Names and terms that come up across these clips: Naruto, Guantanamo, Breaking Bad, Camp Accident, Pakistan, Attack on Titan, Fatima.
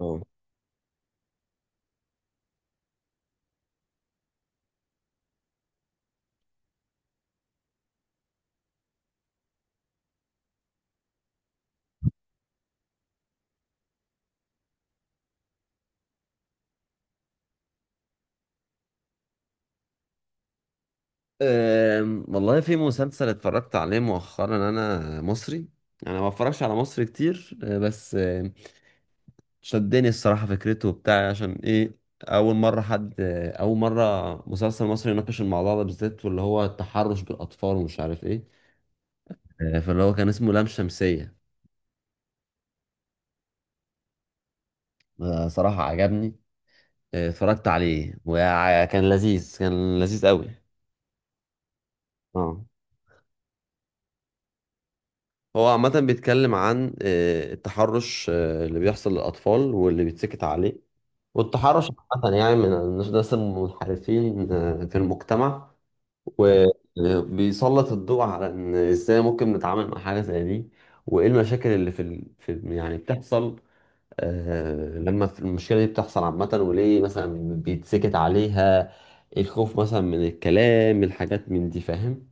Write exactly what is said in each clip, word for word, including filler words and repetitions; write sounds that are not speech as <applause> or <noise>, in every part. اه. أم، والله في مسلسل اتفرجت عليه مؤخرا انا، مصري. انا ما بتفرجش على مصري كتير. أه، بس أه، شدني الصراحة فكرته وبتاع. عشان ايه؟ اول مرة حد أه، اول مرة مسلسل مصري يناقش الموضوع ده بالذات، واللي هو التحرش بالاطفال ومش عارف ايه. أه، فاللي هو كان اسمه لام شمسية. أه، صراحة عجبني. أه، اتفرجت عليه وكان لذيذ، كان لذيذ قوي. اه. هو عامة بيتكلم عن آه، التحرش، آه، اللي بيحصل للأطفال واللي بيتسكت عليه، والتحرش عامة يعني من الناس المنحرفين آه، في المجتمع. وبيسلط الضوء على إن إزاي ممكن نتعامل مع حاجة زي دي، وإيه المشاكل اللي في, ال... في يعني بتحصل. آه، لما في- المشكلة دي بتحصل عامة، وليه مثلا بيتسكت عليها؟ الخوف مثلا من الكلام، الحاجات من دي. فاهم؟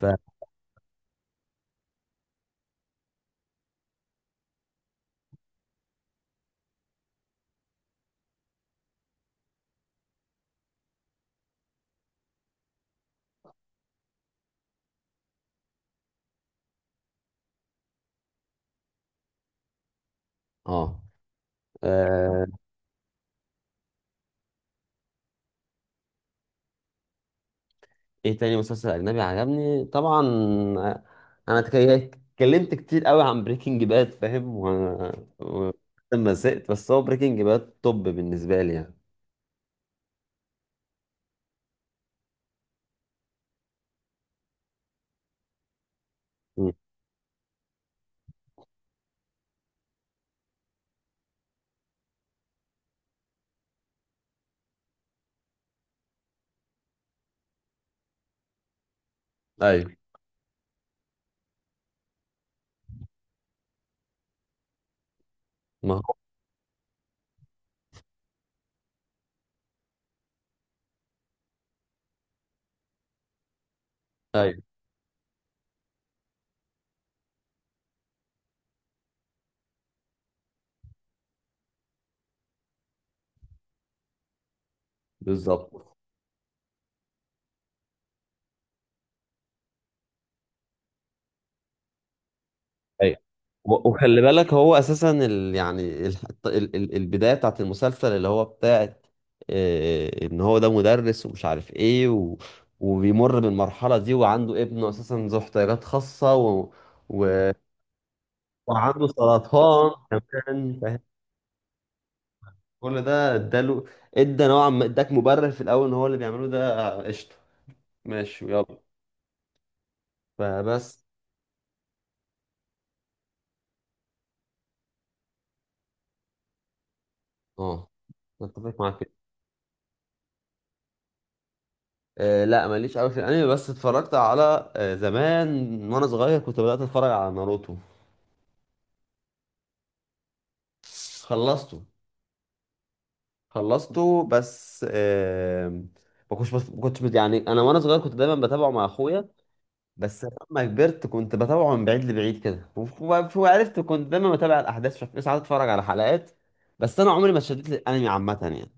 ف... اه. آه، ايه تاني مسلسل اجنبي عجبني؟ طبعا انا تك- اتكلمت كتير قوي عن بريكنج باد، فاهم، و... و... لما زهقت. بس هو بريكنج باد توب بالنسبه لي يعني. مم. ايوه. ما هو. ايوه بالظبط. ايوه. و- وخلي بالك هو اساسا ال... يعني ال... ال... ال- البدايه بتاعت المسلسل اللي هو بتاعت، آه، ان هو ده مدرس ومش عارف ايه، و... وبيمر بالمرحله دي، وعنده ابنه اساسا ذو احتياجات خاصه، و... و... وعنده سرطان كمان، فاهم. كل ده اداله، ادى نوعا ما اداك مبرر في الاول ان هو اللي بيعمله ده قشطه، ماشي، ويلا. فبس. اه. متفق معاك كده. آه لا، ماليش قوي في الانمي. بس اتفرجت على آه زمان، وانا صغير كنت بدأت اتفرج على ناروتو. خلصته. خلصته بس. آه ما كنتش بس ما كنتش بت- يعني انا وانا صغير كنت دايما بتابعه مع اخويا. بس لما كبرت كنت بتابعه من بعيد لبعيد كده، وف- وف- وعرفت. كنت دايما بتابع الاحداث، شوف ساعات اتفرج على حلقات، بس انا عمري ما اتشددت للانمي عامه يعني.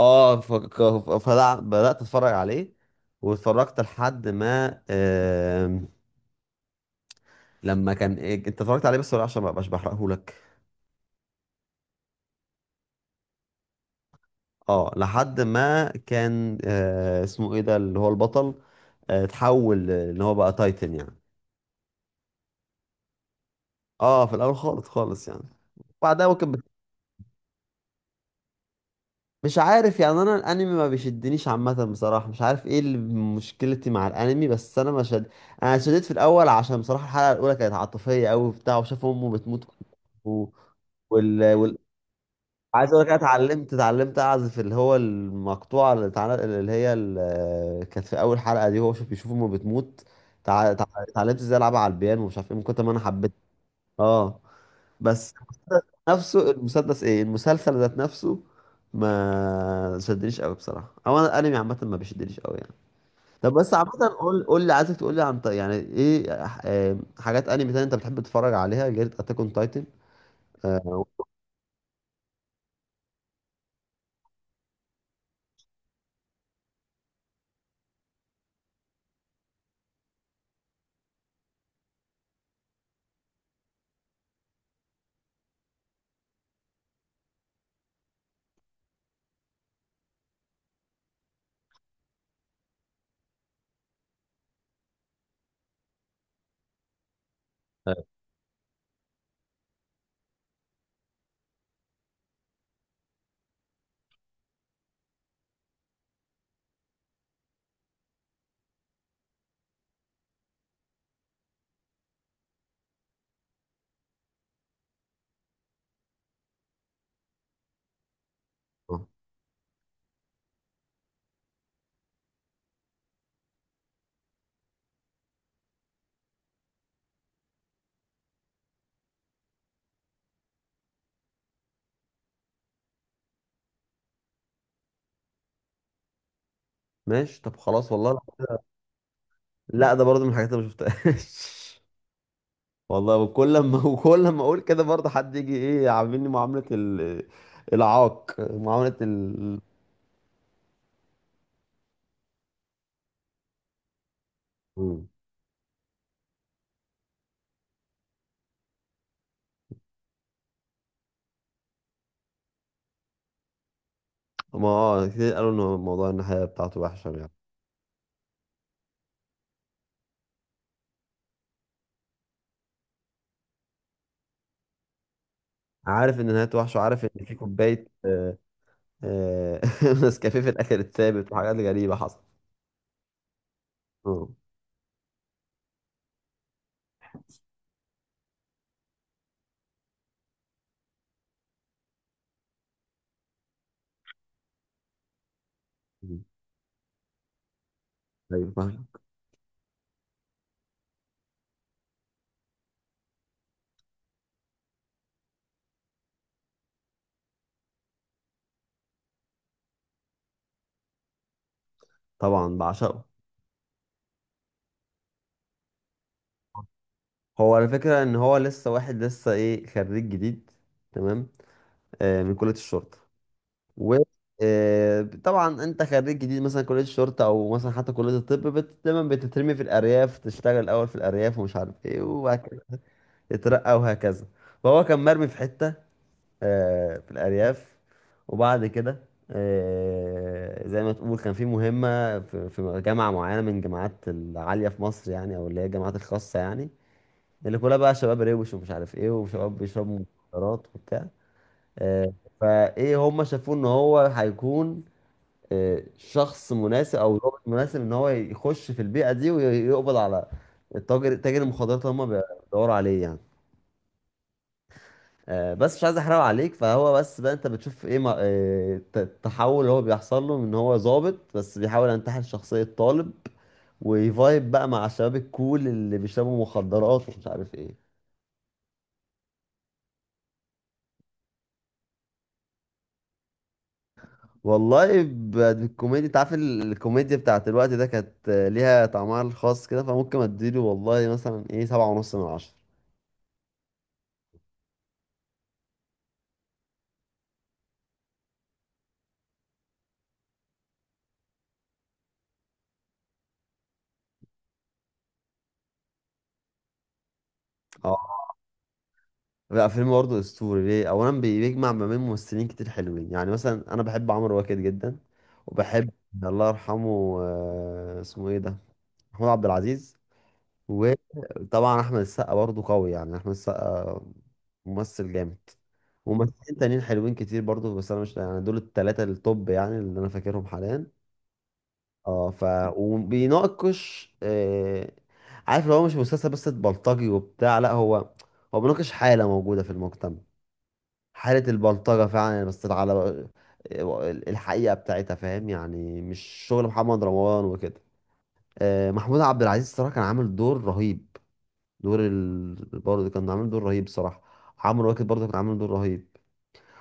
اه. ف- ك- فلا- بدات اتفرج عليه، واتفرجت لحد ما آم، لما كان إيه- انت اتفرجت عليه، بس ولا عشان ما ابقاش بحرقه لك؟ اه، لحد ما كان آه، اسمه ايه ده اللي هو البطل، آه، اتحول ان هو بقى تايتن يعني. اه، في الاول خالص خالص يعني، بعدها ممكن. مش عارف يعني، انا الانمي ما بيشدنيش عامه بصراحه. مش عارف ايه اللي مشكلتي مع الانمي، بس انا ما شد. انا شديت في الاول عشان بصراحه الحلقه الاولى كانت عاطفيه قوي وبتاع، وشاف امه بتموت. و... وال... وال... عايز اقول لك انا اتعلمت اتعلمت اعزف اللي هو المقطوعه اللي اتعل- اللي هي ال- كانت في اول حلقه دي، هو شوف بيشوف امه بتموت. تع- تع- اتعلمت ازاي العبها على البيانو ومش عارف ايه، من كتر ما انا حبيت. اه، بس نفسه المسدس ايه المسلسل ذات نفسه ما شدنيش قوي بصراحه. او انا الانمي عامه ما بيشدنيش قوي يعني. طب بس عامه، قول قول لي، عايزك تقول لي عن ط- يعني ايه آه، حاجات انمي تانية انت بتحب تتفرج عليها غير اتاك اون تايتن؟ ماشي، طب خلاص والله. لا. لا، ده برضه من الحاجات اللي ما شفتهاش. <laughs> والله وكل لما <laughs> وكل لما اقول كده برضه حد يجي ايه، عاملني معامله ال- العاق، معامله ال. مم. ما اه كتير قالوا ان موضوع النهايه بتاعته وحشه يعني. عارف ان نهايته وحشه، وعارف ان في كوبايه، آه، آه، <laughs> نسكافيه في الاخر اتثابت، وحاجات غريبه حصلت. اه. مم. ايوه فاهم. طبعا بعشقه. هو الفكره ان هو لسه واحد لسه ايه، خريج جديد. تمام. آه، من كليه الشرطه. و آه، طبعا انت خريج جديد مثلا كليه الشرطه، او مثلا حتى كليه الطب، بت... دايما بتترمي في الارياف، تشتغل الاول في الارياف ومش عارف ايه، وبعد كده تترقى وهكذا. فهو كان مرمي في حته آه، في الأرياف، وبعد كده آه، زي ما تقول كان في مهمة في في جامعة معينة من الجامعات العالية في مصر يعني، أو اللي هي الجامعات الخاصة يعني، اللي كلها بقى شباب روش ومش عارف إيه، وشباب بيشربوا مخدرات وبتاع. آه، فإيه، هم شافوه إن هو هيكون آه، شخص مناسب أو ضابط مناسب إن هو يخش في البيئة دي ويقبض على التاجر، تاجر المخدرات اللي هم بيدوروا عليه يعني. آه، بس مش عايز احرق عليك. فهو بس بقى، انت بتشوف ايه ما- آه، الت- التحول اللي هو بيحصل له، من ان هو ظابط بس بيحاول ينتحل شخصية طالب، ويفايب بقى مع الشباب الكول اللي بيشربوا مخدرات ومش عارف ايه. والله، ب- الكوميديا، انت عارف ال- الكوميديا بتاعت الوقت ده كانت آه، ليها طعمها الخاص كده، فممكن اديله والله مثلا ايه، سبعة ونص من عشرة. لا، فيلم برضه اسطوري. ليه؟ اولا، بي- بيجمع ما بين ممثلين كتير حلوين يعني، مثلا انا بحب عمرو واكد جدا. وبحب الله يرحمه آه، اسمه ايه ده، محمود عبد العزيز. وطبعا احمد السقا برضه قوي يعني، احمد السقا ممثل جامد. وممثلين تانيين حلوين كتير برضه، بس انا مش يعني، دول التلاتة التوب يعني اللي انا فاكرهم حاليا. اه ف، وبيناقش آه... عارف، لو هو مش مسلسل بس بلطجي وبتاع، لا، هو هو بيناقش حالة موجودة في المجتمع، حالة البلطجة فعلا يعني، بس على الحقيقة بتاعتها، فاهم؟ يعني مش شغل محمد رمضان وكده. آه، محمود عبد العزيز الصراحة كان عامل دور رهيب. دور ال... برضه كان عامل دور رهيب صراحة. عمرو واكد برضه كان عامل دور رهيب.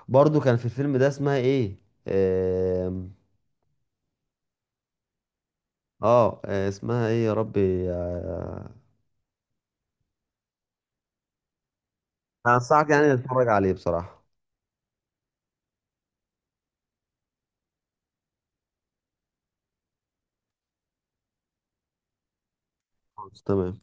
برضه كان في الفيلم ده اسمها ايه، آم، اه آه، اسمها ايه يا ربي آه، انا انصحك يعني تتفرج عليه بصراحة. خلاص، تمام.